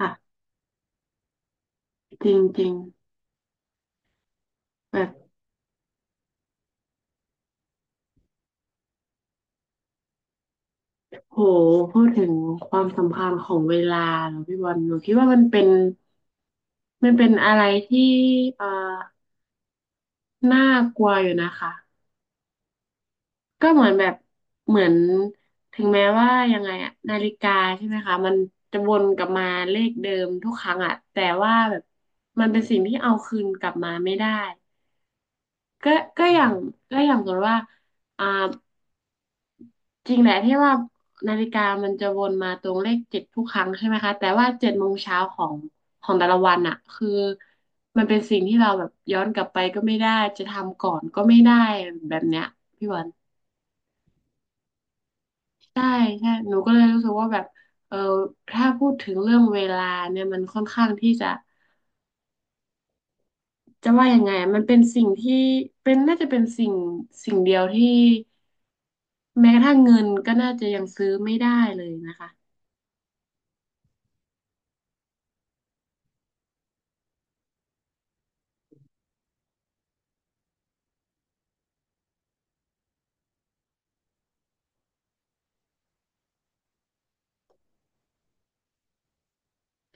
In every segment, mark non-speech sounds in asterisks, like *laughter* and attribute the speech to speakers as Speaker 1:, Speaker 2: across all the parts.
Speaker 1: อ่ะจริงจริงแบบโหพูดถึงความสำคัญของเวลาเนอะพี่บอลหนูคิดว่ามันเป็นอะไรที่เอ่อน่ากลัวอยู่นะคะก็เหมือนแบบเหมือนถึงแม้ว่ายังไงอะนาฬิกาใช่ไหมคะมันจะวนกลับมาเลขเดิมทุกครั้งอะแต่ว่าแบบมันเป็นสิ่งที่เอาคืนกลับมาไม่ได้ก็ก็อย่างก็อย่างสมมติว่าอ่า จริงแหละที่ว่านาฬิกามันจะวนมาตรงเลข 7ทุกครั้งใช่ไหมคะแต่ว่า7 โมงเช้าของของแต่ละวันอะคือมันเป็นสิ่งที่เราแบบย้อนกลับไปก็ไม่ได้จะทำก่อนก็ไม่ได้แบบเนี้ยพี่บอลใช่ใช่หนูก็เลยรู้สึกว่าแบบเออถ้าพูดถึงเรื่องเวลาเนี่ยมันค่อนข้างที่จะจะว่ายังไงมันเป็นสิ่งที่เป็นน่าจะเป็นสิ่งสิ่งเดียวที่แม้กระทั่งเงินก็น่าจะยังซื้อไม่ได้เลยนะคะ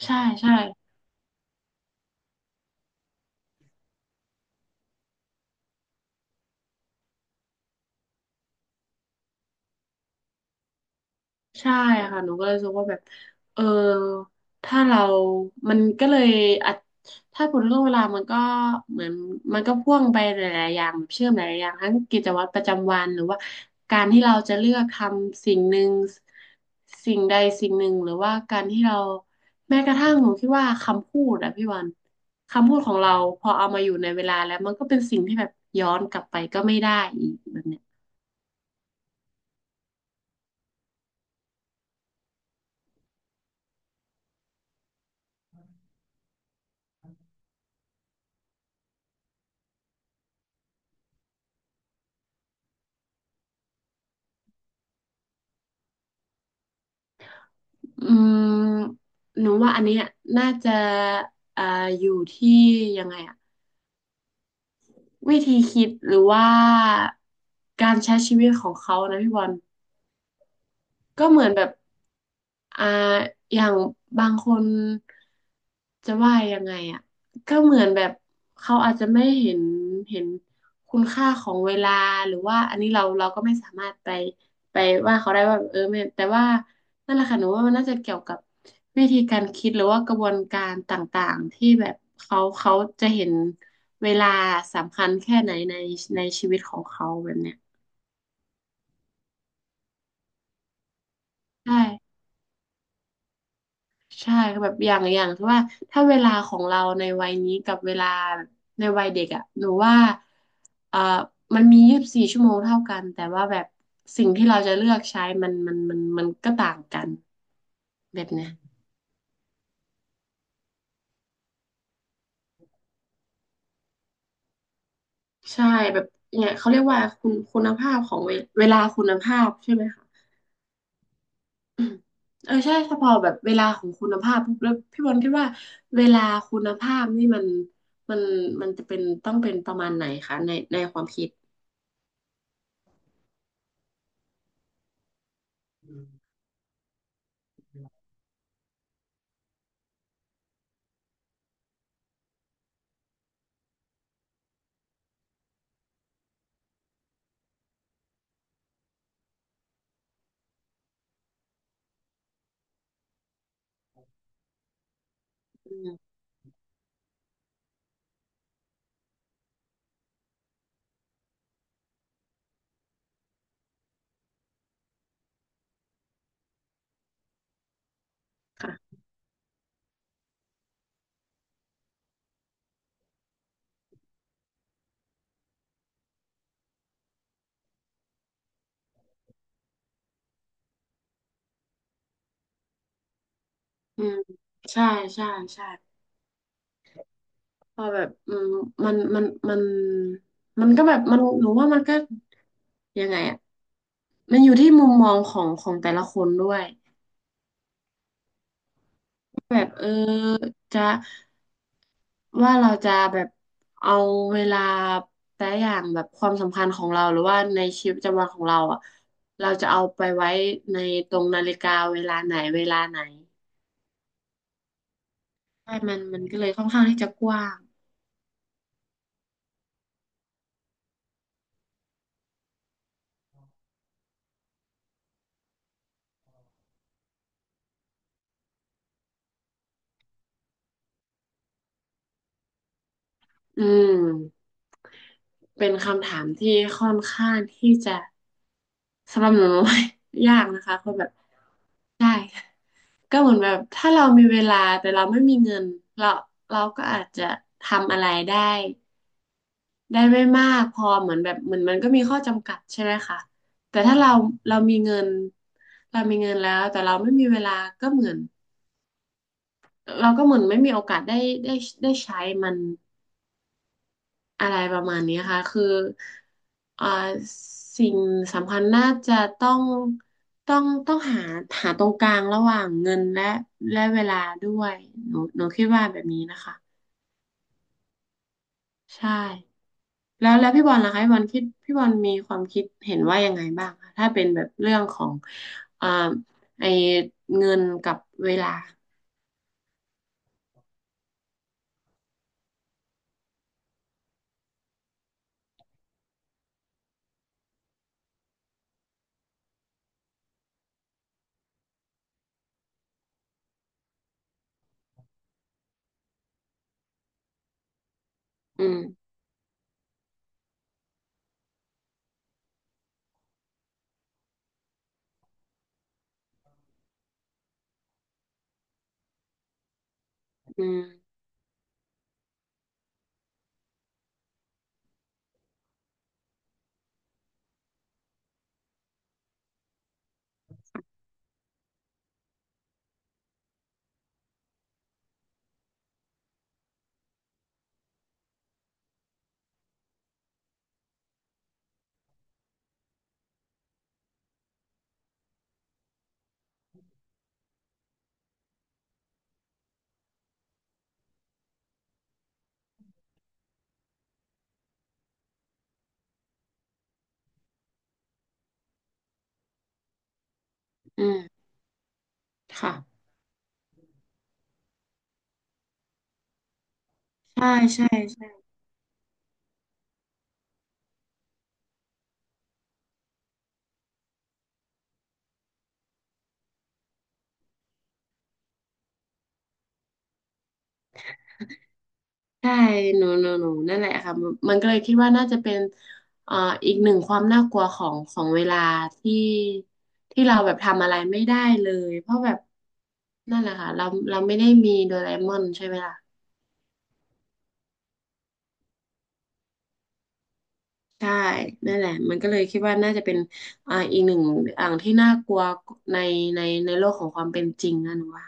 Speaker 1: ใช่ใช่ ใช่ค่ะหนูก็เลยรู้สึกว่าแบบเออถ้าเรามันก็เลยอาจถ้าผล็เรื่องเวลามันก็เหมือนมันก็พ่วงไปหลายๆอย่างแบบเชื่อมหลายๆอย่างทั้งกิจวัตรประจำวันหรือว่าการที่เราจะเลือกทำสิ่งหนึ่งสิ่งใดสิ่งหนึ่งหรือว่าการที่เราแม้กระทั่งหนูคิดว่าคำพูดอะพี่วันคำพูดของเราพอเอามาอยู่ในเวลาแล้วมันก็เป็นสิ่งที่แบบย้อนกลับไปก็ไม่ได้อีกแบบเนี้ย อืมหนูว่าอันเนี้ยน่าจะเอ่ออยู่ที่ยังไงอะวิธีคิดหรือว่าการใช้ชีวิตของเขานะพี่บอล ก็เหมือนแบบอ่าอย่างบางคนจะว่ายังไงอ่ะก็เหมือนแบบเขาอาจจะไม่เห็นคุณค่าของเวลาหรือว่าอันนี้เราก็ไม่สามารถไปว่าเขาได้ว่าเออไม่แต่ว่านั่นแหละค่ะหนูว่ามันน่าจะเกี่ยวกับวิธีการคิดหรือว่ากระบวนการต่างๆที่แบบเขาจะเห็นเวลาสำคัญแค่ไหนในในชีวิตของเขาแบบเนี้ยใช่ ใช่ก็แบบอย่างอย่างที่ว่าถ้าเวลาของเราในวัยนี้กับเวลาในวัยเด็กอ่ะหนูว่าเอ่อมันมี24 ชั่วโมงเท่ากันแต่ว่าแบบสิ่งที่เราจะเลือกใช้มันก็ต่างกันแบบเนี้ยใช่แบบเนี่ยเขาเรียกว่าคุณคุณภาพของเวเวลาคุณภาพใช่ไหมคะอืมเออใช่ถ้าพอแบบเวลาของคุณภาพปุ๊บแล้วพี่บอลคิดว่าเวลาคุณภาพนี่มันมันจะเป็นต้องเป็นประมาณไหนคะในในความคิดอืม ค่ะอืมใช่ใช่ใช่พอแบบอืมมันมันมันมันก็แบบมันหนูว่ามันก็ยังไงอ่ะมันอยู่ที่มุมมองของของแต่ละคนด้วยแบบเออจะว่าเราจะแบบเอาเวลาแต่อย่างแบบความสำคัญของเรา หรือว่าในชีวิตประจำวันของเราอ่ะเราจะเอาไปไว้ในตรงนาฬิกาเวลาไหนเวลาไหนใช่มันมันก็เลยค่อนข้างที่จะกว้างอืม เป็นคำถามที่ค่อนข้างที่จะสำหรับหนู *laughs* หนูว่ายากนะคะเพแบบใช่ก็เหมือนแบบถ้าเรามีเวลาแต่เราไม่มีเงินเราเราก็อาจจะทำอะไรได้ไม่มากพอเหมือนแบบเหมือนมันก็มีข้อจำกัดใช่ไหมคะแต่ถ้าเรามีเงินเรามีเงินแล้วแต่เราไม่มีเวลาก็เหมือนเราก็เหมือนไม่มีโอกาสได้ได้ใช้มัน อะไรประมาณนี้ค่ะ คือเอ่าสิ่งสำคัญน่าจะต้องหาตรงกลางระหว่างเงินและและเวลาด้วยหนูคิดว่าแบบนี้นะคะ ใช่ แล้วแล้วพี่บอลล่ะคะพี่บอลคิดพี่บอลมีความคิดเห็นว่ายังไงบ้างคะถ้าเป็นแบบเรื่องของเอ่าไอเงินกับเวลาอืมอืมอืมค่ะ ใช่ใช่ ใช่หนูนั่นแหละค่ะมันมันก็เลยคิดว่าน่าจะเป็นเอ่ออีกหนึ่งความน่ากลัวของของเวลาที่ที่เราแบบทำอะไรไม่ได้เลย เพราะแบบนั่นแหละค่ะเราไม่ได้มีโดราเอมอนใช่ไหมล่ะใช่ นั่นแหละมันก็เลยคิดว่าน่าจะเป็นอ่าอีกหนึ่งอ่างที่น่ากลัวในในในโลกของความเป็นจริงนะหนูว่า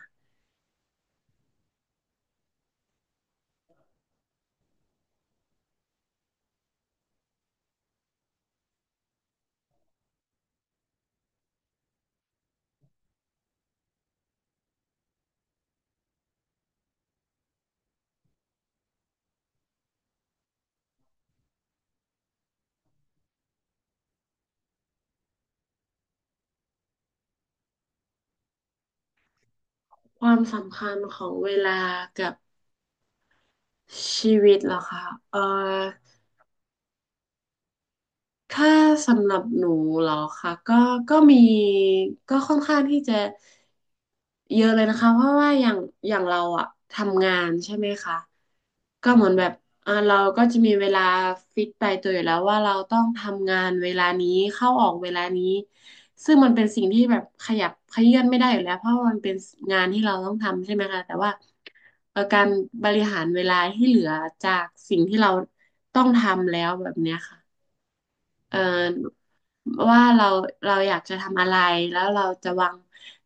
Speaker 1: ความสำคัญของเวลากับชีวิตเหรอคะเอ่อ ถ้าสำหรับหนูเหรอคะก็ก็มีก็ค่อนข้างที่จะเยอะเลยนะคะเพราะว่าอย่างอย่างเราอะทำงานใช่ไหมคะก็เหมือนแบบเราก็จะมีเวลาฟิกตายตัวอยู่แล้วว่าเราต้องทำงานเวลานี้เข้าออกเวลานี้ซึ่งมันเป็นสิ่งที่แบบขยับขยื่นไม่ได้อยู่แล้วเพราะว่ามันเป็นงานที่เราต้องทำใช่ไหมคะแต่ว่าการบริหารเวลาที่เหลือจากสิ่งที่เราต้องทำแล้วแบบเนี้ยค่ะ เอ่อว่าเราอยากจะทำอะไรแล้วเราจะวาง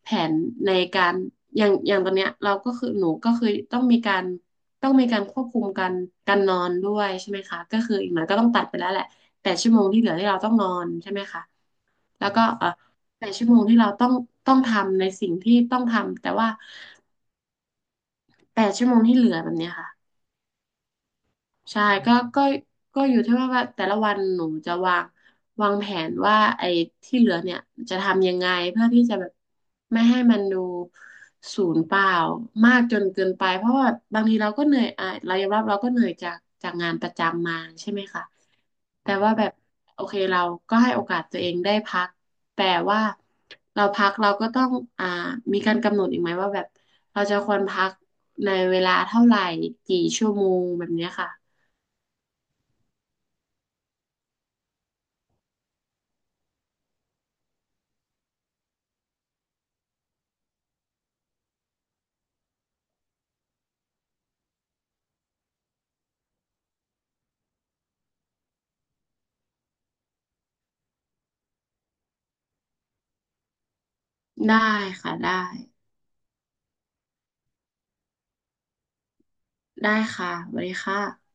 Speaker 1: แผนในการอย่างอย่างตอนเนี้ยเราก็คือหนูก็คือต้องมีการควบคุมการนอนด้วยใช่ไหมคะก็คืออีกหน่อยก็ต้องตัดไปแล้วแหละแปดชั่วโมงที่เหลือที่เราต้องนอนใช่ไหมคะแล้วก็แปดชั่วโมงที่เราต้องทำในสิ่งที่ต้องทำแต่ว่าแปดชั่วโมงที่เหลือแบบเนี้ยค่ะ ใช่ก็ก็ก็อยู่ที่ว่าว่าแต่ละวันหนูจะวางแผนว่าไอ้ที่เหลือเนี่ยจะทำยังไงเพื่อที่จะแบบไม่ให้มันดูศูนย์เปล่ามากจนเกินไปเพราะว่าบางทีเราก็เหนื่อยอ่ะเรายอมรับเราก็เหนื่อยจากจากงานประจำมาใช่ไหมคะแต่ว่าแบบโอเคเราก็ให้โอกาสตัวเองได้พักแต่ว่าเราพักเราก็ต้องอ่ามีการกำหนดอีกไหมว่าแบบเราจะควรพักในเวลาเท่าไหร่กี่ชั่วโมงแบบเนี้ยค่ะ ได้ค่ะได้ได้ค่ะสวัสดีค่ะ